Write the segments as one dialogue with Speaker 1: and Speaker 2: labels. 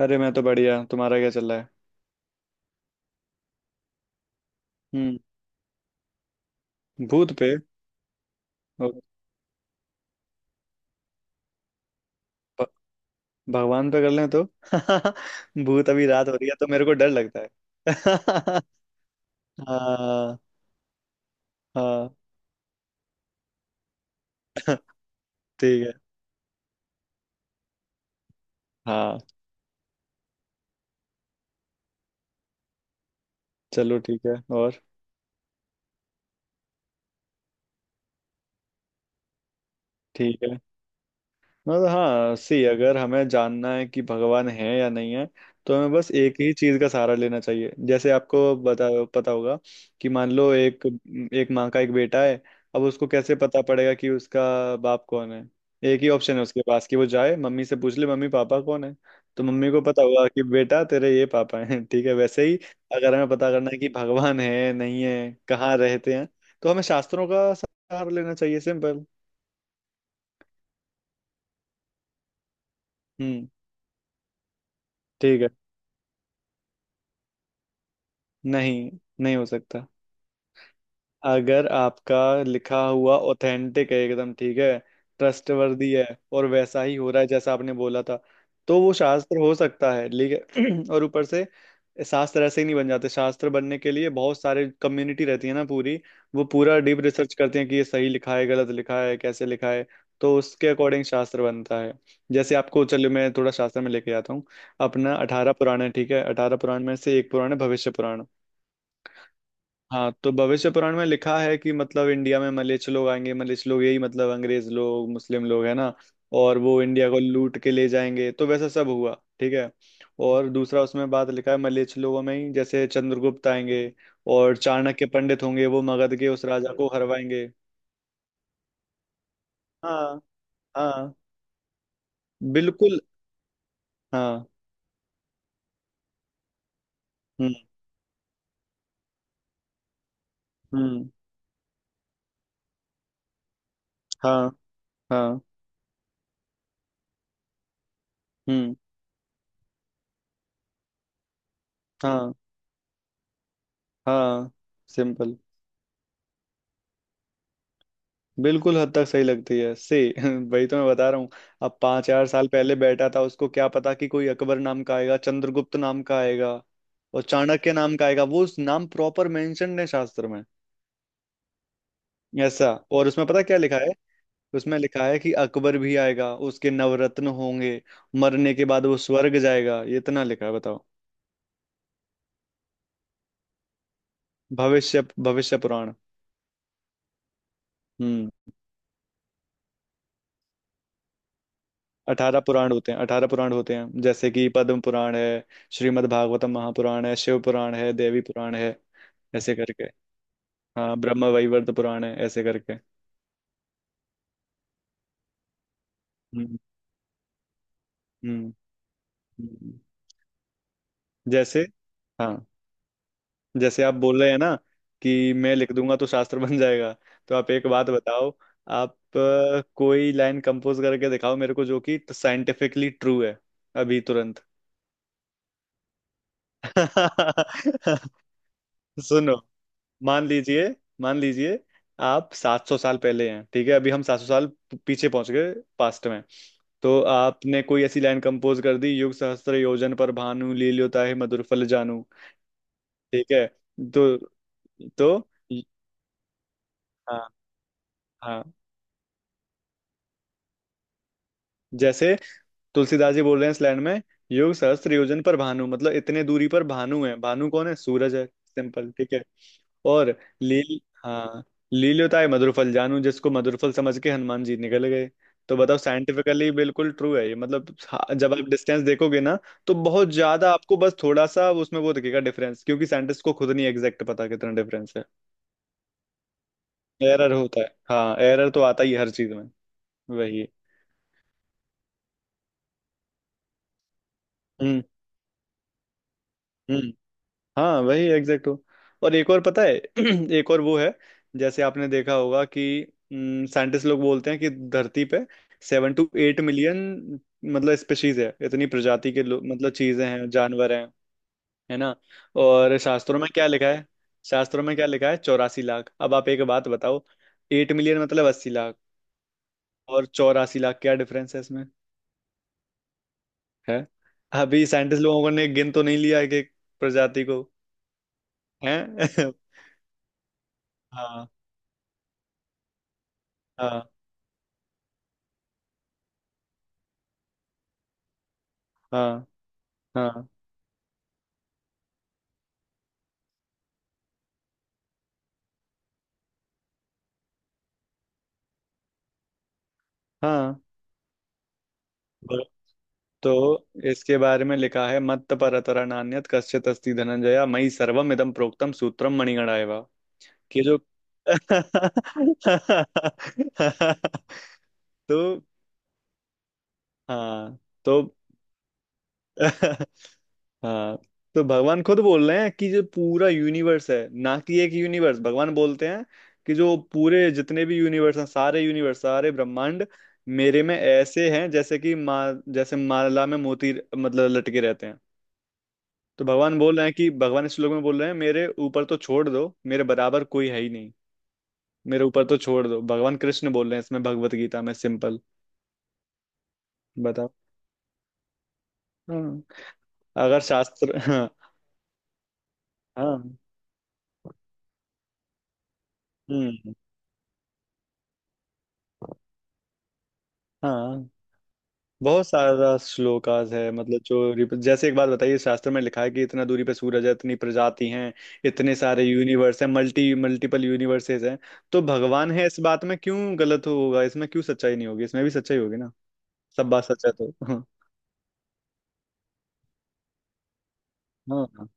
Speaker 1: अरे मैं तो बढ़िया। तुम्हारा क्या चल रहा है? हम्म। भूत पे? और भ- भगवान पे कर लें तो भूत अभी रात हो रही है तो मेरे को डर लगता है। हाँ हाँ, ठीक है। हाँ, चलो ठीक है। और ठीक है, मतलब हाँ। सी, अगर हमें जानना है कि भगवान है या नहीं है तो हमें बस एक ही चीज का सहारा लेना चाहिए। जैसे आपको बता पता होगा कि मान लो एक एक माँ का एक बेटा है। अब उसको कैसे पता पड़ेगा कि उसका बाप कौन है? एक ही ऑप्शन है उसके पास कि वो जाए मम्मी से पूछ ले, मम्मी पापा कौन है? तो मम्मी को पता होगा कि बेटा तेरे ये पापा हैं। ठीक है, वैसे ही अगर हमें पता करना है कि भगवान है नहीं है कहाँ रहते हैं तो हमें शास्त्रों का सहारा लेना चाहिए, सिंपल। हम्म। ठीक है। नहीं, नहीं हो सकता। अगर आपका लिखा हुआ ऑथेंटिक है, एकदम ठीक है, ट्रस्टवर्दी है और वैसा ही हो रहा है जैसा आपने बोला था तो वो शास्त्र हो सकता है, लेकिन और ऊपर से शास्त्र ऐसे ही नहीं बन जाते। शास्त्र बनने के लिए बहुत सारे कम्युनिटी रहती है ना पूरी। वो पूरा डीप रिसर्च करते हैं कि ये सही लिखा है गलत लिखा है कैसे लिखा है, तो उसके अकॉर्डिंग शास्त्र बनता है। जैसे आपको चलो मैं थोड़ा शास्त्र में लेके जाता हूँ। अपना 18 पुराण है, ठीक है, 18 पुराण में से एक पुराण है भविष्य पुराण। हाँ, तो भविष्य पुराण में लिखा है कि मतलब इंडिया में मलेच्छ लोग आएंगे। मलेच्छ लोग यही मतलब अंग्रेज लोग, मुस्लिम लोग, है ना। और वो इंडिया को लूट के ले जाएंगे, तो वैसा सब हुआ। ठीक है। और दूसरा उसमें बात लिखा है, मलेच्छ लोगों में ही जैसे चंद्रगुप्त आएंगे और चाणक्य पंडित होंगे, वो मगध के उस राजा को हरवाएंगे। हाँ। हाँ। बिल्कुल। हाँ। हम्म। हम्म। हाँ। हाँ। हम्म। हाँ। हाँ। सिंपल, बिल्कुल हद तक सही लगती है से वही तो मैं बता रहा हूँ। अब 5 4 साल पहले बैठा था, उसको क्या पता कि कोई अकबर नाम का आएगा, चंद्रगुप्त नाम का आएगा और चाणक्य नाम का आएगा? वो उस नाम प्रॉपर मेंशन है शास्त्र में। ऐसा, और उसमें पता क्या लिखा है? उसमें लिखा है कि अकबर भी आएगा, उसके नवरत्न होंगे, मरने के बाद वो स्वर्ग जाएगा। ये इतना लिखा है, बताओ। भविष्य भविष्य पुराण। हम्म। 18 पुराण होते हैं 18 पुराण होते हैं जैसे कि पद्म पुराण है, श्रीमद् भागवतम महापुराण है, शिव पुराण है, देवी पुराण है, ऐसे करके। हाँ, ब्रह्म वैवर्त पुराण है, ऐसे करके। हम्म। हम्म। हम्म। जैसे, हाँ, जैसे आप बोल रहे हैं ना कि मैं लिख दूंगा तो शास्त्र बन जाएगा, तो आप एक बात बताओ। आप कोई लाइन कंपोज करके दिखाओ मेरे को, जो कि साइंटिफिकली ट्रू है, अभी तुरंत। सुनो, मान लीजिए मान लीजिए आप 700 साल पहले हैं, ठीक है, अभी हम 700 साल पीछे पहुंच गए, पास्ट में। तो आपने कोई ऐसी लाइन कंपोज कर दी, युग सहस्त्र योजन पर भानु लील्योताहि मधुर फल जानू। ठीक है। तो तो हाँ हाँ, जैसे तुलसीदास जी बोल रहे हैं स्लैंड में, युग सहस्त्र योजन पर भानु, मतलब इतने दूरी पर भानु है। भानु कौन है? सूरज है, सिंपल, ठीक है। और लील, हाँ, लील्योताय मधुरफल जानू, जिसको मधुरफल समझ के हनुमान जी निकल गए। तो बताओ, साइंटिफिकली बिल्कुल ट्रू है ये, मतलब हाँ, जब आप डिस्टेंस देखोगे ना तो बहुत ज्यादा आपको बस थोड़ा सा उसमें वो दिखेगा डिफरेंस, क्योंकि साइंटिस्ट को खुद नहीं एग्जैक्ट पता कितना डिफरेंस है। एरर होता है, हाँ, एरर तो आता ही है हर चीज में। वही। हम्म। हम्म। हाँ, वही एग्जैक्ट हो। और एक और पता है? एक और वो है, जैसे आपने देखा होगा कि साइंटिस्ट लोग बोलते हैं कि धरती पे 7 to 8 million मतलब स्पीशीज है, इतनी प्रजाति के लोग मतलब चीजें हैं जानवर हैं, है ना। और शास्त्रों में क्या लिखा है? शास्त्रों में क्या लिखा है? 84 लाख। अब आप एक बात बताओ, 8 million मतलब 80 लाख। और 84 लाख, क्या डिफरेंस है इसमें? है। अभी साइंटिस्ट लोगों ने गिन तो नहीं लिया है कि प्रजाति को। है। हाँ हाँ। हाँ। हाँ। हाँ। ब- तो इसके बारे में लिखा है, मत्त परतरा नान्यत् कश्चित् अस्ति धनंजया, मयि सर्वम इदं प्रोक्तम सूत्रम मणिगणा एव। कि जो तो, हाँ, तो हाँ, तो भगवान खुद बोल रहे हैं कि जो पूरा यूनिवर्स है, ना कि एक यूनिवर्स। भगवान बोलते हैं कि जो पूरे जितने भी यूनिवर्स हैं, सारे यूनिवर्स, सारे ब्रह्मांड मेरे में ऐसे हैं जैसे कि मा, जैसे माला में मोती मतलब लटके रहते हैं। तो भगवान बोल रहे हैं कि भगवान इस श्लोक में बोल रहे हैं, मेरे ऊपर तो छोड़ दो, मेरे बराबर कोई है ही नहीं। मेरे ऊपर तो छोड़ दो, भगवान कृष्ण बोल रहे हैं इसमें, भगवत गीता में, सिंपल। बताओ। हाँ, अगर शास्त्र, हाँ। हाँ। हम्म। हाँ। बहुत सारा श्लोकाज है, मतलब जो जैसे एक बात बताइए, शास्त्र में लिखा है कि इतना दूरी पे सूरज है, इतनी प्रजाति हैं, इतने सारे यूनिवर्स हैं, मल्टी मल्टीपल यूनिवर्सेस हैं, तो भगवान है इस बात में क्यों गलत होगा? इसमें क्यों सच्चाई नहीं होगी? इसमें भी सच्चाई होगी ना। सब बात सच है, तो हाँ। हाँ।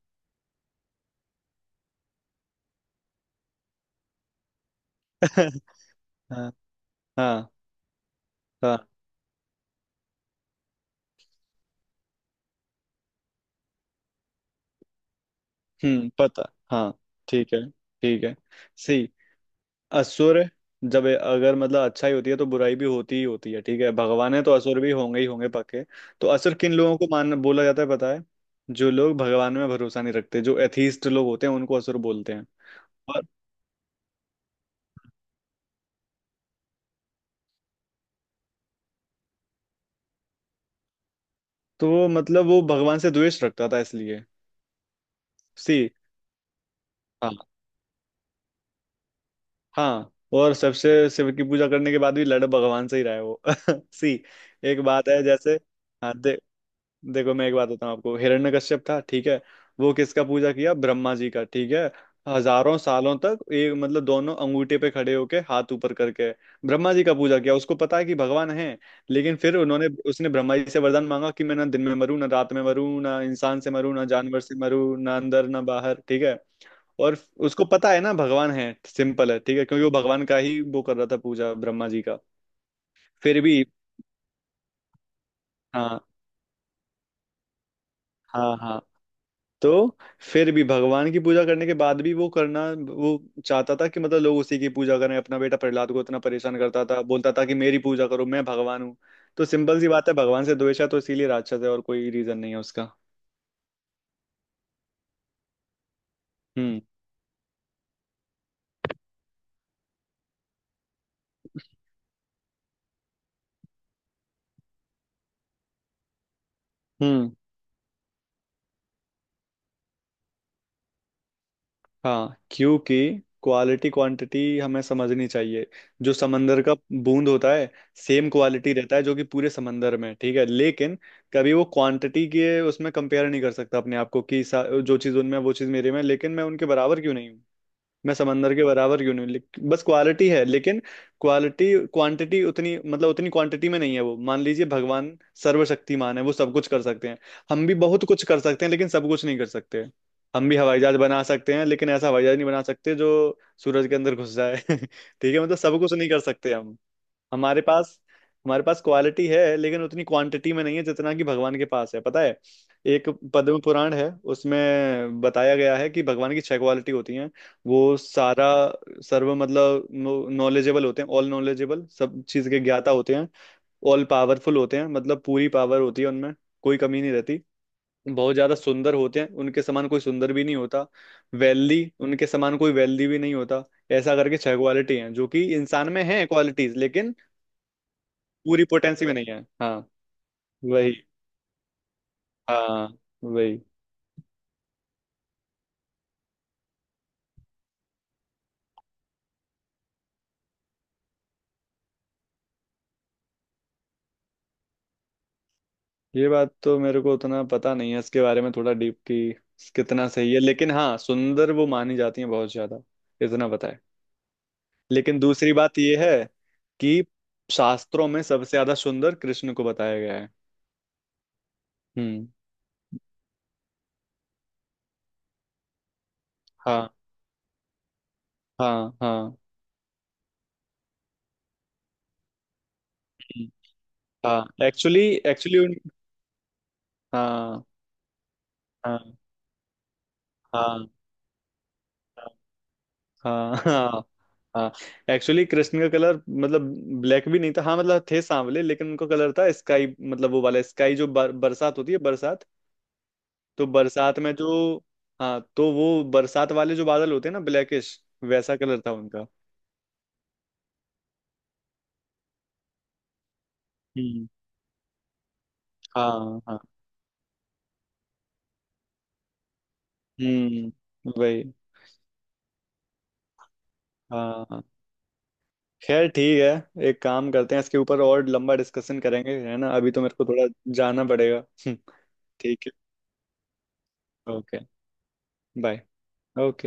Speaker 1: हाँ। हाँ। हाँ। हम्म, पता, हाँ। ठीक है। ठीक है। सही। असुर, जब अगर मतलब अच्छाई होती है तो बुराई भी होती ही होती है, ठीक है। भगवान है तो असुर भी होंगे ही होंगे, पक्के। तो असुर किन लोगों को मान बोला जाता है, पता है? जो लोग भगवान में भरोसा नहीं रखते, जो एथीस्ट लोग होते हैं उनको असुर बोलते हैं। और तो वो मतलब वो भगवान से द्वेष रखता था इसलिए। सी, हाँ हाँ, और सबसे शिव की पूजा करने के बाद भी लड़ भगवान से ही रहा है वो। सी। एक बात है, जैसे, हाँ, देखो, मैं एक बात बताऊं आपको, हिरण्यकश्यप था, ठीक है। वो किसका पूजा किया? ब्रह्मा जी का, ठीक है। हजारों सालों तक एक मतलब दोनों अंगूठे पे खड़े होके, हाथ ऊपर करके ब्रह्मा जी का पूजा किया, उसको पता है कि भगवान है। लेकिन फिर उन्होंने उसने ब्रह्मा जी से वरदान मांगा कि मैं ना दिन में मरूं ना रात में मरूं, ना इंसान से मरूं ना जानवर से मरूं, ना अंदर ना बाहर, ठीक है। और उसको पता है ना भगवान है, सिंपल है, ठीक है, क्योंकि वो भगवान का ही वो कर रहा था पूजा, ब्रह्मा जी का। फिर भी, हाँ, हाँ, हाँ, तो फिर भी भगवान की पूजा करने के बाद भी वो करना, वो चाहता था कि मतलब लोग उसी की पूजा करें। अपना बेटा प्रहलाद को इतना परेशान करता था, बोलता था कि मेरी पूजा करो, मैं भगवान हूँ। तो सिंपल सी बात है, भगवान से द्वेष है तो इसीलिए राक्षस है, और कोई रीजन नहीं है उसका। हम्म। हम्म। हाँ, क्योंकि क्वालिटी क्वांटिटी हमें समझनी चाहिए। जो समंदर का बूंद होता है सेम क्वालिटी रहता है जो कि पूरे समंदर में, ठीक है, लेकिन कभी वो क्वांटिटी के उसमें कंपेयर नहीं कर सकता अपने आप को कि जो चीज़ उनमें है, वो चीज़ मेरे में है, लेकिन मैं उनके बराबर क्यों नहीं हूँ? मैं समंदर के बराबर क्यों नहीं बस क्वालिटी है, लेकिन क्वालिटी क्वांटिटी उतनी मतलब उतनी क्वांटिटी में नहीं है। वो, मान लीजिए, भगवान सर्वशक्तिमान है, वो सब कुछ कर सकते हैं। हम भी बहुत कुछ कर सकते हैं लेकिन सब कुछ नहीं कर सकते। हम भी हवाई जहाज बना सकते हैं लेकिन ऐसा हवाई जहाज नहीं बना सकते जो सूरज के अंदर घुस जाए। ठीक है, मतलब सब कुछ नहीं कर सकते। हमारे पास हमारे पास क्वालिटी है, लेकिन उतनी क्वांटिटी में नहीं है जितना कि भगवान के पास है, पता है? एक पद्म पुराण है, उसमें बताया गया है कि भगवान की छह क्वालिटी होती हैं। वो सारा सर्व मतलब नॉलेजेबल होते हैं, ऑल नॉलेजेबल, सब चीज के ज्ञाता होते हैं। ऑल पावरफुल होते हैं, मतलब पूरी पावर होती है उनमें, कोई कमी नहीं रहती। बहुत ज्यादा सुंदर होते हैं, उनके समान कोई सुंदर भी नहीं होता। वेल्दी, उनके समान कोई वेल्दी भी नहीं होता। ऐसा करके छह क्वालिटी हैं जो कि इंसान में है क्वालिटीज, लेकिन पूरी पोटेंसी में नहीं है, हाँ। वही, हाँ, वही। ये बात तो मेरे को उतना पता नहीं है, इसके बारे में थोड़ा डीप की कितना सही है, लेकिन हाँ सुंदर वो मानी जाती है बहुत ज्यादा, इतना पता है। लेकिन दूसरी बात ये है कि शास्त्रों में सबसे ज्यादा सुंदर कृष्ण को बताया गया है। हम्म। हाँ। हाँ। हाँ। हम्म, हाँ, एक्चुअली, एक्चुअली उन, हाँ। हाँ। हाँ। हाँ। हाँ। हाँ। हाँ, एक्चुअली कृष्ण का कलर, मतलब ब्लैक भी नहीं था, हाँ मतलब थे सांवले लेकिन उनका कलर था स्काई, मतलब वो वाला स्काई जो बरसात होती है, बरसात। तो बरसात में जो, हाँ, तो वो बरसात वाले जो बादल होते हैं ना, ब्लैकिश, वैसा कलर था उनका। हम्म। हाँ। हाँ। हम्म, वही। हाँ, खैर ठीक है, एक काम करते हैं, इसके ऊपर और लंबा डिस्कशन करेंगे, है ना। अभी तो मेरे को थोड़ा जाना पड़ेगा। ठीक है। ओके। बाय। ओके।